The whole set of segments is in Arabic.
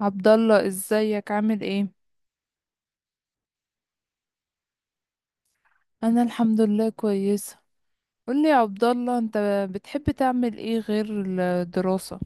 عبد الله، ازيك؟ عامل ايه؟ انا الحمد لله كويسه. قولي يا عبد الله، انت بتحب تعمل ايه غير الدراسه؟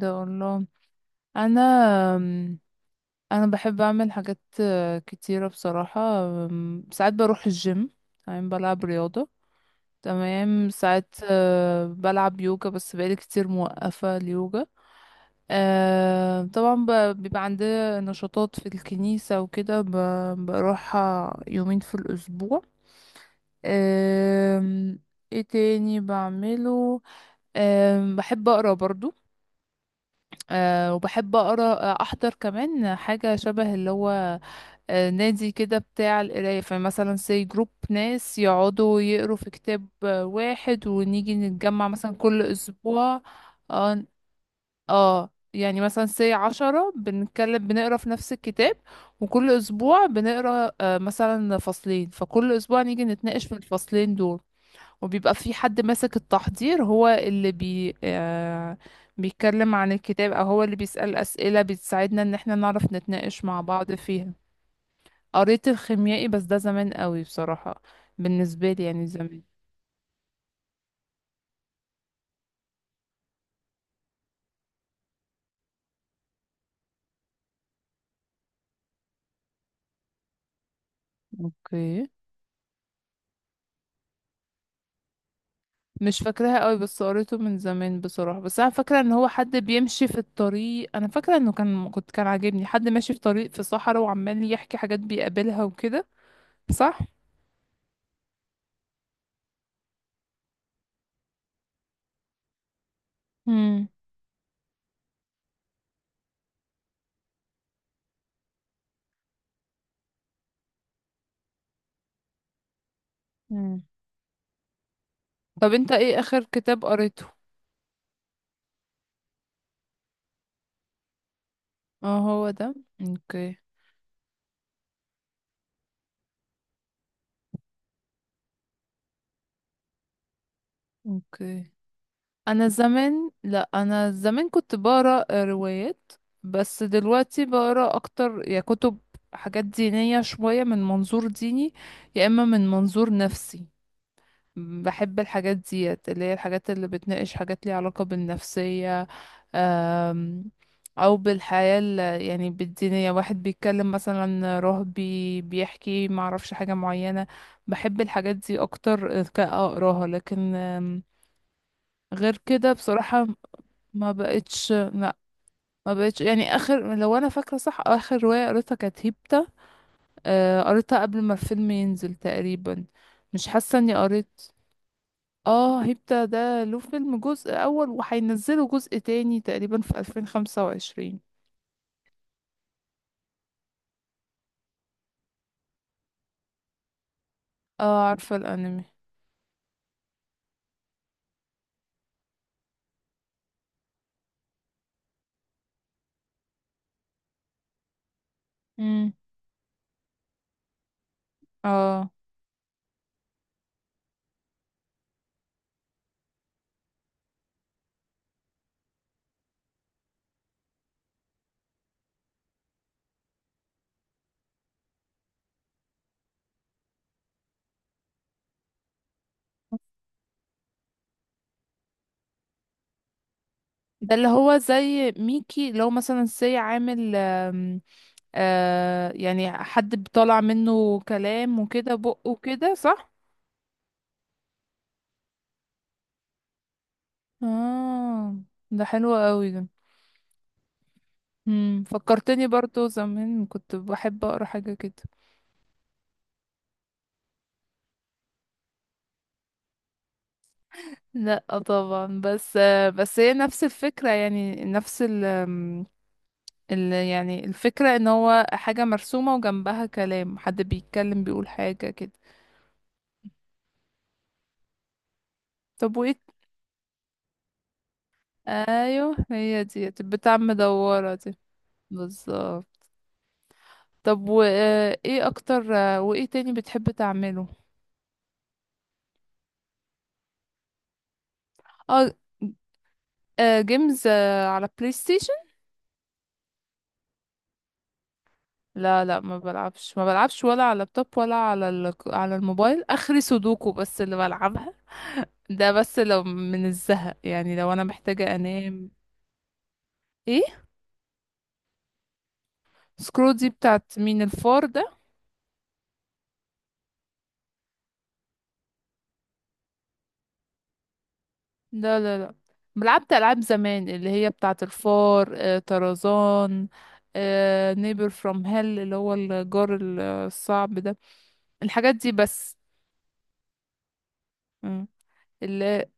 ده الله. انا انا بحب اعمل حاجات كتيره بصراحه. ساعات بروح الجيم، تمام، بلعب رياضه. تمام، ساعات بلعب يوجا، بس بقالي كتير موقفه اليوجا. طبعا، بيبقى عندي نشاطات في الكنيسه وكده، بروحها يومين في الاسبوع. أم، ايه تاني بعمله؟ بحب اقرا برضو. وبحب اقرا. احضر كمان حاجه شبه اللي هو نادي كده بتاع القرايه. فمثلا سي جروب ناس يقعدوا يقروا في كتاب واحد، ونيجي نتجمع مثلا كل اسبوع. اه، يعني مثلا سي عشرة بنتكلم، بنقرا في نفس الكتاب. وكل اسبوع بنقرا مثلا فصلين، فكل اسبوع نيجي نتناقش في الفصلين دول. وبيبقى في حد ماسك التحضير، هو اللي بي آه بيتكلم عن الكتاب، او هو اللي بيسأل أسئلة بتساعدنا ان احنا نعرف نتناقش مع بعض فيها. قريت الخيميائي، بس ده زمان قوي بصراحة. بالنسبة لي يعني زمان. اوكي. مش فاكراها قوي، بس قريته من زمان بصراحة. بس انا فاكرة ان هو حد بيمشي في الطريق. انا فاكرة انه كان عاجبني حد ماشي في طريق في صحراء وعمال يحكي حاجات بيقابلها وكده، صح؟ امم طب انت ايه اخر كتاب قريته؟ اه، هو ده. اوكي. اوكي، انا زمان، لا، انا زمان كنت بقرا روايات. بس دلوقتي بقرا اكتر يا كتب، حاجات دينية شوية من منظور ديني، يا اما من منظور نفسي. بحب الحاجات ديت اللي هي الحاجات اللي بتناقش حاجات ليها علاقة بالنفسية. أم، أو بالحياة يعني بالدينية، واحد بيتكلم مثلا رهبي بيحكي معرفش حاجة معينة. بحب الحاجات دي أكتر كأقراها، لكن غير كده بصراحة. ما بقتش، لا، ما بقتش يعني. آخر، لو أنا فاكرة صح، آخر رواية قريتها كانت هيبتا. قريتها قبل ما الفيلم ينزل تقريبا. مش حاسة إني قريت. اه، هيبتا ده له فيلم جزء اول، وهينزله جزء تاني تقريبا في 2025. اه، عارفة الانمي. امم. اه، ده اللي هو زي ميكي، لو مثلا سي عامل، يعني حد بيطلع منه كلام وكده بقه وكده، صح؟ اه، ده حلو قوي ده. فكرتني برضو، زمان كنت بحب اقرا حاجة كده. لا طبعا، بس هي نفس الفكرة، يعني نفس يعني الفكرة ان هو حاجة مرسومة وجنبها كلام حد بيتكلم بيقول حاجة كده. طب، وايه؟ ايوه، هي دي بتاع مدورة دي، بالظبط. طب، وايه اكتر؟ وايه تاني بتحب تعمله؟ اه. جيمز، على بلاي ستيشن. لا، لا، ما بلعبش ولا على اللابتوب، ولا على على الموبايل. اخري سودوكو بس اللي بلعبها. ده بس لو من الزهق، يعني لو انا محتاجة انام. ايه؟ سكرو دي بتاعت مين، الفار؟ لا، لا، لا، لعبت ألعاب زمان اللي هي بتاعة الفار، طرزان، نيبر فروم هيل اللي هو الجار الصعب ده. الحاجات دي بس. مم. اللي،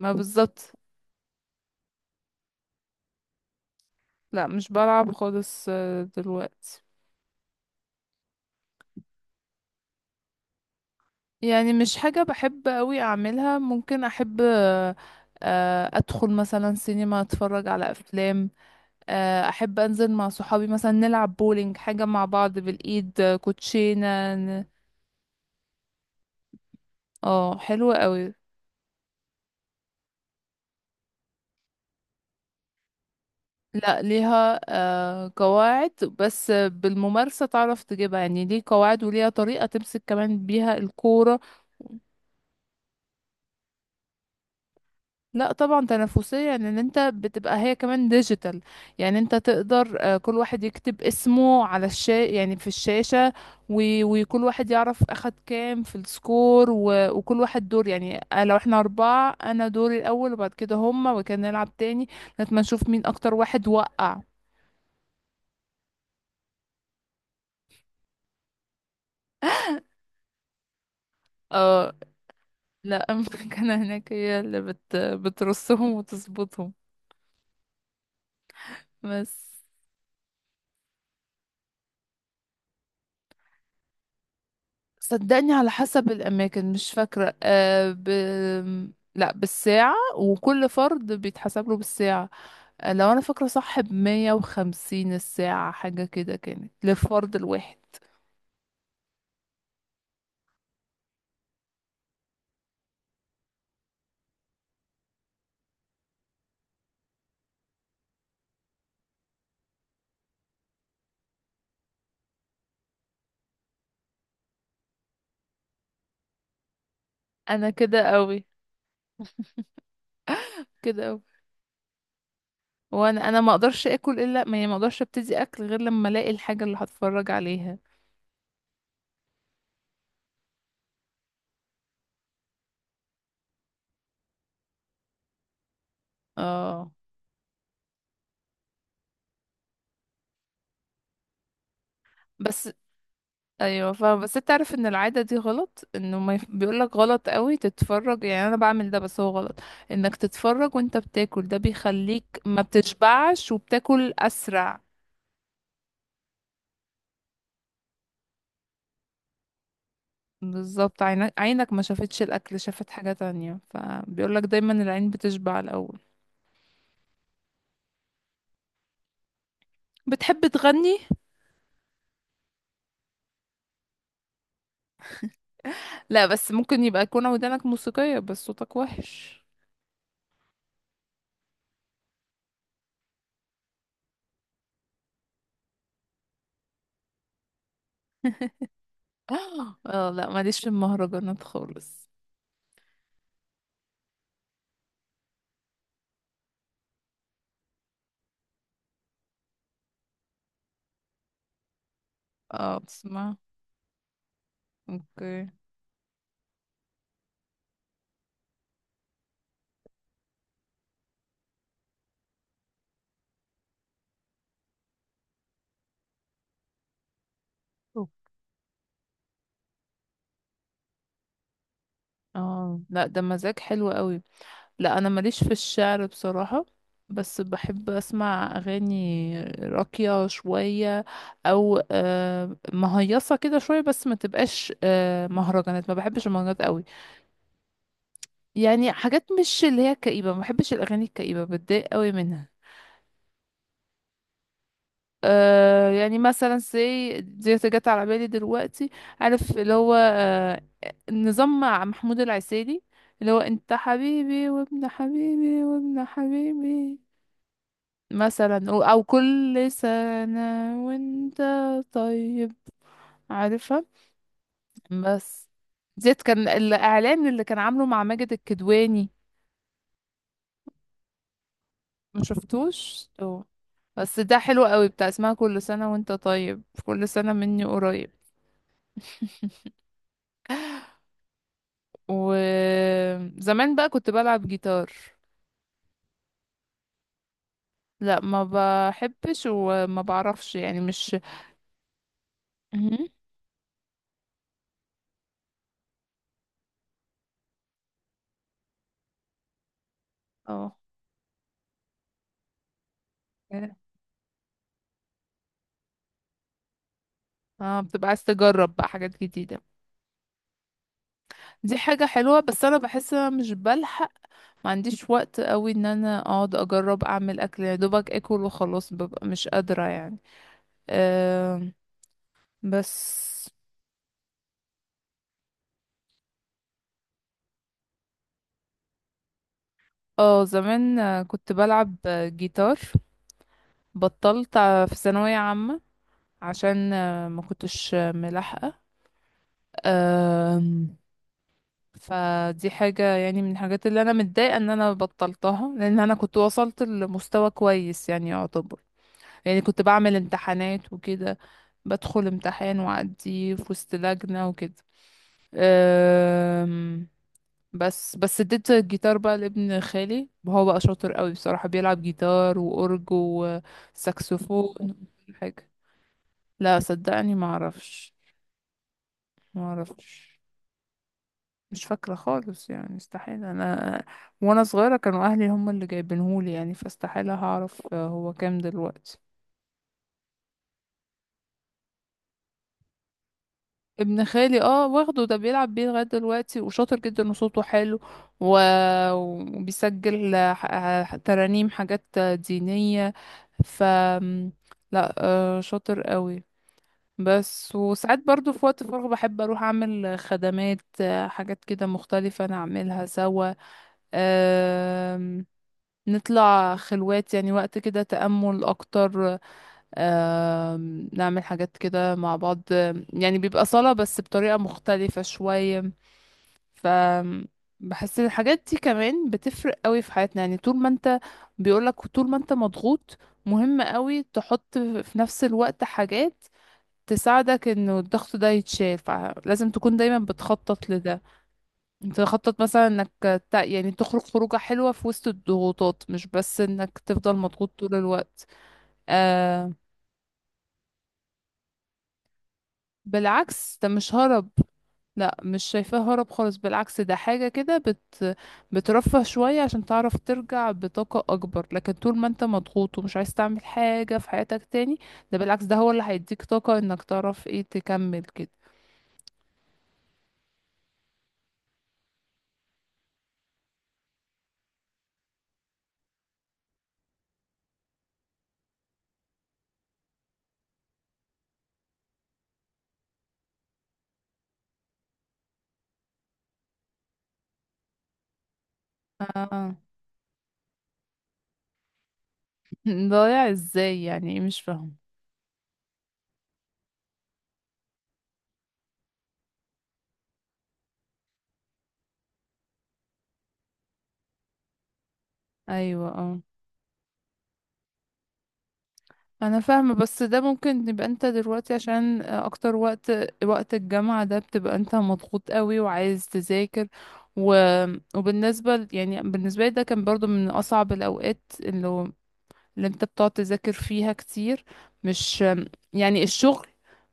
ما، بالظبط. لا، مش بلعب خالص دلوقتي. يعني مش حاجة بحب قوي أعملها. ممكن أحب أدخل مثلا سينما أتفرج على أفلام. أحب أنزل مع صحابي مثلا نلعب بولينج، حاجة مع بعض بالإيد، كوتشينة اه، حلوة قوي. لا، ليها قواعد. بس بالممارسة تعرف تجيبها. يعني ليه قواعد، وليها طريقة تمسك كمان بيها الكورة. لا طبعا، تنافسية. يعني ان انت بتبقى، هي كمان ديجيتال. يعني انت تقدر، كل واحد يكتب اسمه على يعني في الشاشة. و- وكل واحد يعرف اخد كام في السكور، و... وكل واحد دور. يعني لو احنا اربعة، انا دوري الاول، وبعد كده هما، وكان نلعب تاني. لغاية ما نشوف مين اكتر واحد وقع. آه، لا. المكنة هناك هي اللي بترصهم وتظبطهم. بس. صدقني، على حسب الأماكن، مش فاكرة. لا، بالساعة، وكل فرد بيتحسب له بالساعة. لو أنا فاكرة صح، بـ150 الساعة، حاجة كده، كانت للفرد الواحد. أنا كده قوي. كده قوي. وأنا ما أقدرش أكل، إلا ما أقدرش أبتدي أكل غير لما ألاقي الحاجة اللي هتفرج عليها. اه، بس. ايوه فاهمة، بس انت عارف ان العاده دي غلط، انه ما يف... بيقولك غلط قوي تتفرج. يعني انا بعمل ده، بس هو غلط. انك تتفرج وانت بتاكل، ده بيخليك ما بتشبعش وبتاكل اسرع. بالظبط، عينك ما شافتش الاكل، شافت حاجه تانية، فبيقولك دايما العين بتشبع الاول. بتحب تغني؟ لا، بس ممكن يبقى يكون ودانك موسيقيه، بس صوتك وحش. اه، لا، ماليش في المهرجانات خالص. اه، بتسمع. اوكي. اه، لا، ده مزاج حلو قوي. لا، انا ماليش في الشعر بصراحة. بس بحب اسمع اغاني راقية شوية، او مهيصة كده شوية، بس ما تبقاش مهرجانات. ما بحبش المهرجانات قوي. يعني حاجات مش اللي هي كئيبة. ما بحبش الاغاني الكئيبة، بتضايق قوي منها. يعني مثلا سي دي جت على بالي دلوقتي. عارف اللي هو نظام مع محمود العسيلي، اللي هو انت حبيبي وابن حبيبي وابن حبيبي. مثلا او كل سنة وانت طيب، عارفة؟ بس ديت كان الاعلان اللي كان عامله مع ماجد الكدواني. ما شفتوش؟ اه. بس ده حلو قوي، بتاع اسمها كل سنة وانت طيب، كل سنة مني قريب. وزمان بقى كنت بلعب جيتار. لا، ما بحبش وما بعرفش يعني، مش مهم. اه، اه، بتبقى عايز تجرب بقى حاجات جديدة. دي حاجة حلوة، بس انا بحس انا مش بلحق. ما عنديش وقت قوي ان انا اقعد اجرب اعمل اكل، يا دوبك اكل وخلاص، ببقى مش قادرة يعني. أه، بس. اه، زمان كنت بلعب جيتار. بطلت في ثانوية عامة، عشان ما كنتش ملاحقة. أم، فدي حاجة يعني، من الحاجات اللي انا متضايقة ان انا بطلتها، لان انا كنت وصلت لمستوى كويس يعني، يعتبر. يعني كنت بعمل امتحانات وكده. بدخل امتحان وأعديه في وسط لجنة وكده. أم، بس اديت الجيتار بقى لابن خالي. هو بقى شاطر قوي بصراحة، بيلعب جيتار وأورج وساكسفون وكل حاجة. لا، صدقني، ما اعرفش. مش فاكرة خالص، يعني استحيل انا. وانا صغيرة كانوا اهلي هم اللي جايبينهولي يعني، فاستحيل هعرف هو كام دلوقتي. ابن خالي، اه، واخده ده بيلعب بيه لغاية دلوقتي، وشاطر جدا وصوته حلو. و... وبيسجل ترانيم، حاجات دينية. ف لا، شاطر قوي. بس، وساعات برضو في وقت فراغ بحب اروح اعمل خدمات، حاجات كده مختلفة نعملها سوا. آم، نطلع خلوات، يعني وقت كده تأمل اكتر. نعمل حاجات كده مع بعض. يعني بيبقى صلاة بس بطريقة مختلفة شوية. ف بحس ان الحاجات دي كمان بتفرق قوي في حياتنا. يعني طول ما انت، بيقولك طول ما انت مضغوط، مهم قوي تحط في نفس الوقت حاجات تساعدك انه الضغط ده يتشال، فلازم تكون دايما بتخطط لده. انت تخطط مثلا انك يعني تخرج خروجة حلوة في وسط الضغوطات، مش بس انك تفضل مضغوط طول الوقت. آه بالعكس، ده مش هرب. لا، مش شايفاه هرب خالص. بالعكس، ده حاجة كده بترفه شوية، عشان تعرف ترجع بطاقة أكبر. لكن طول ما انت مضغوط ومش عايز تعمل حاجة في حياتك تاني، ده بالعكس، ده هو اللي هيديك طاقة انك تعرف ايه تكمل كده. اه. ضايع ازاي؟ يعني ايه، مش فاهم. ايوه، انا فاهمه. بس ده ممكن يبقى انت دلوقتي، عشان اكتر وقت، وقت الجامعه ده، بتبقى انت مضغوط قوي وعايز تذاكر. و... وبالنسبه يعني بالنسبه لي، ده كان برضو من اصعب الاوقات، اللي هو اللي انت بتقعد تذاكر فيها كتير. مش يعني الشغل،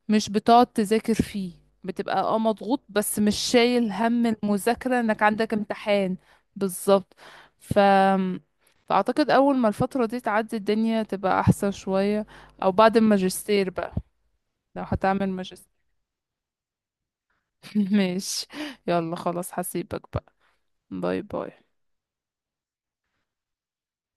مش بتقعد تذاكر فيه، بتبقى مضغوط، بس مش شايل هم المذاكرة انك عندك امتحان. بالظبط. ف فأعتقد أول ما الفترة دي تعدي، الدنيا تبقى أحسن شوية. أو بعد الماجستير بقى، لو هتعمل ماجستير. ماشي. يلا خلاص، هسيبك بقى. باي باي.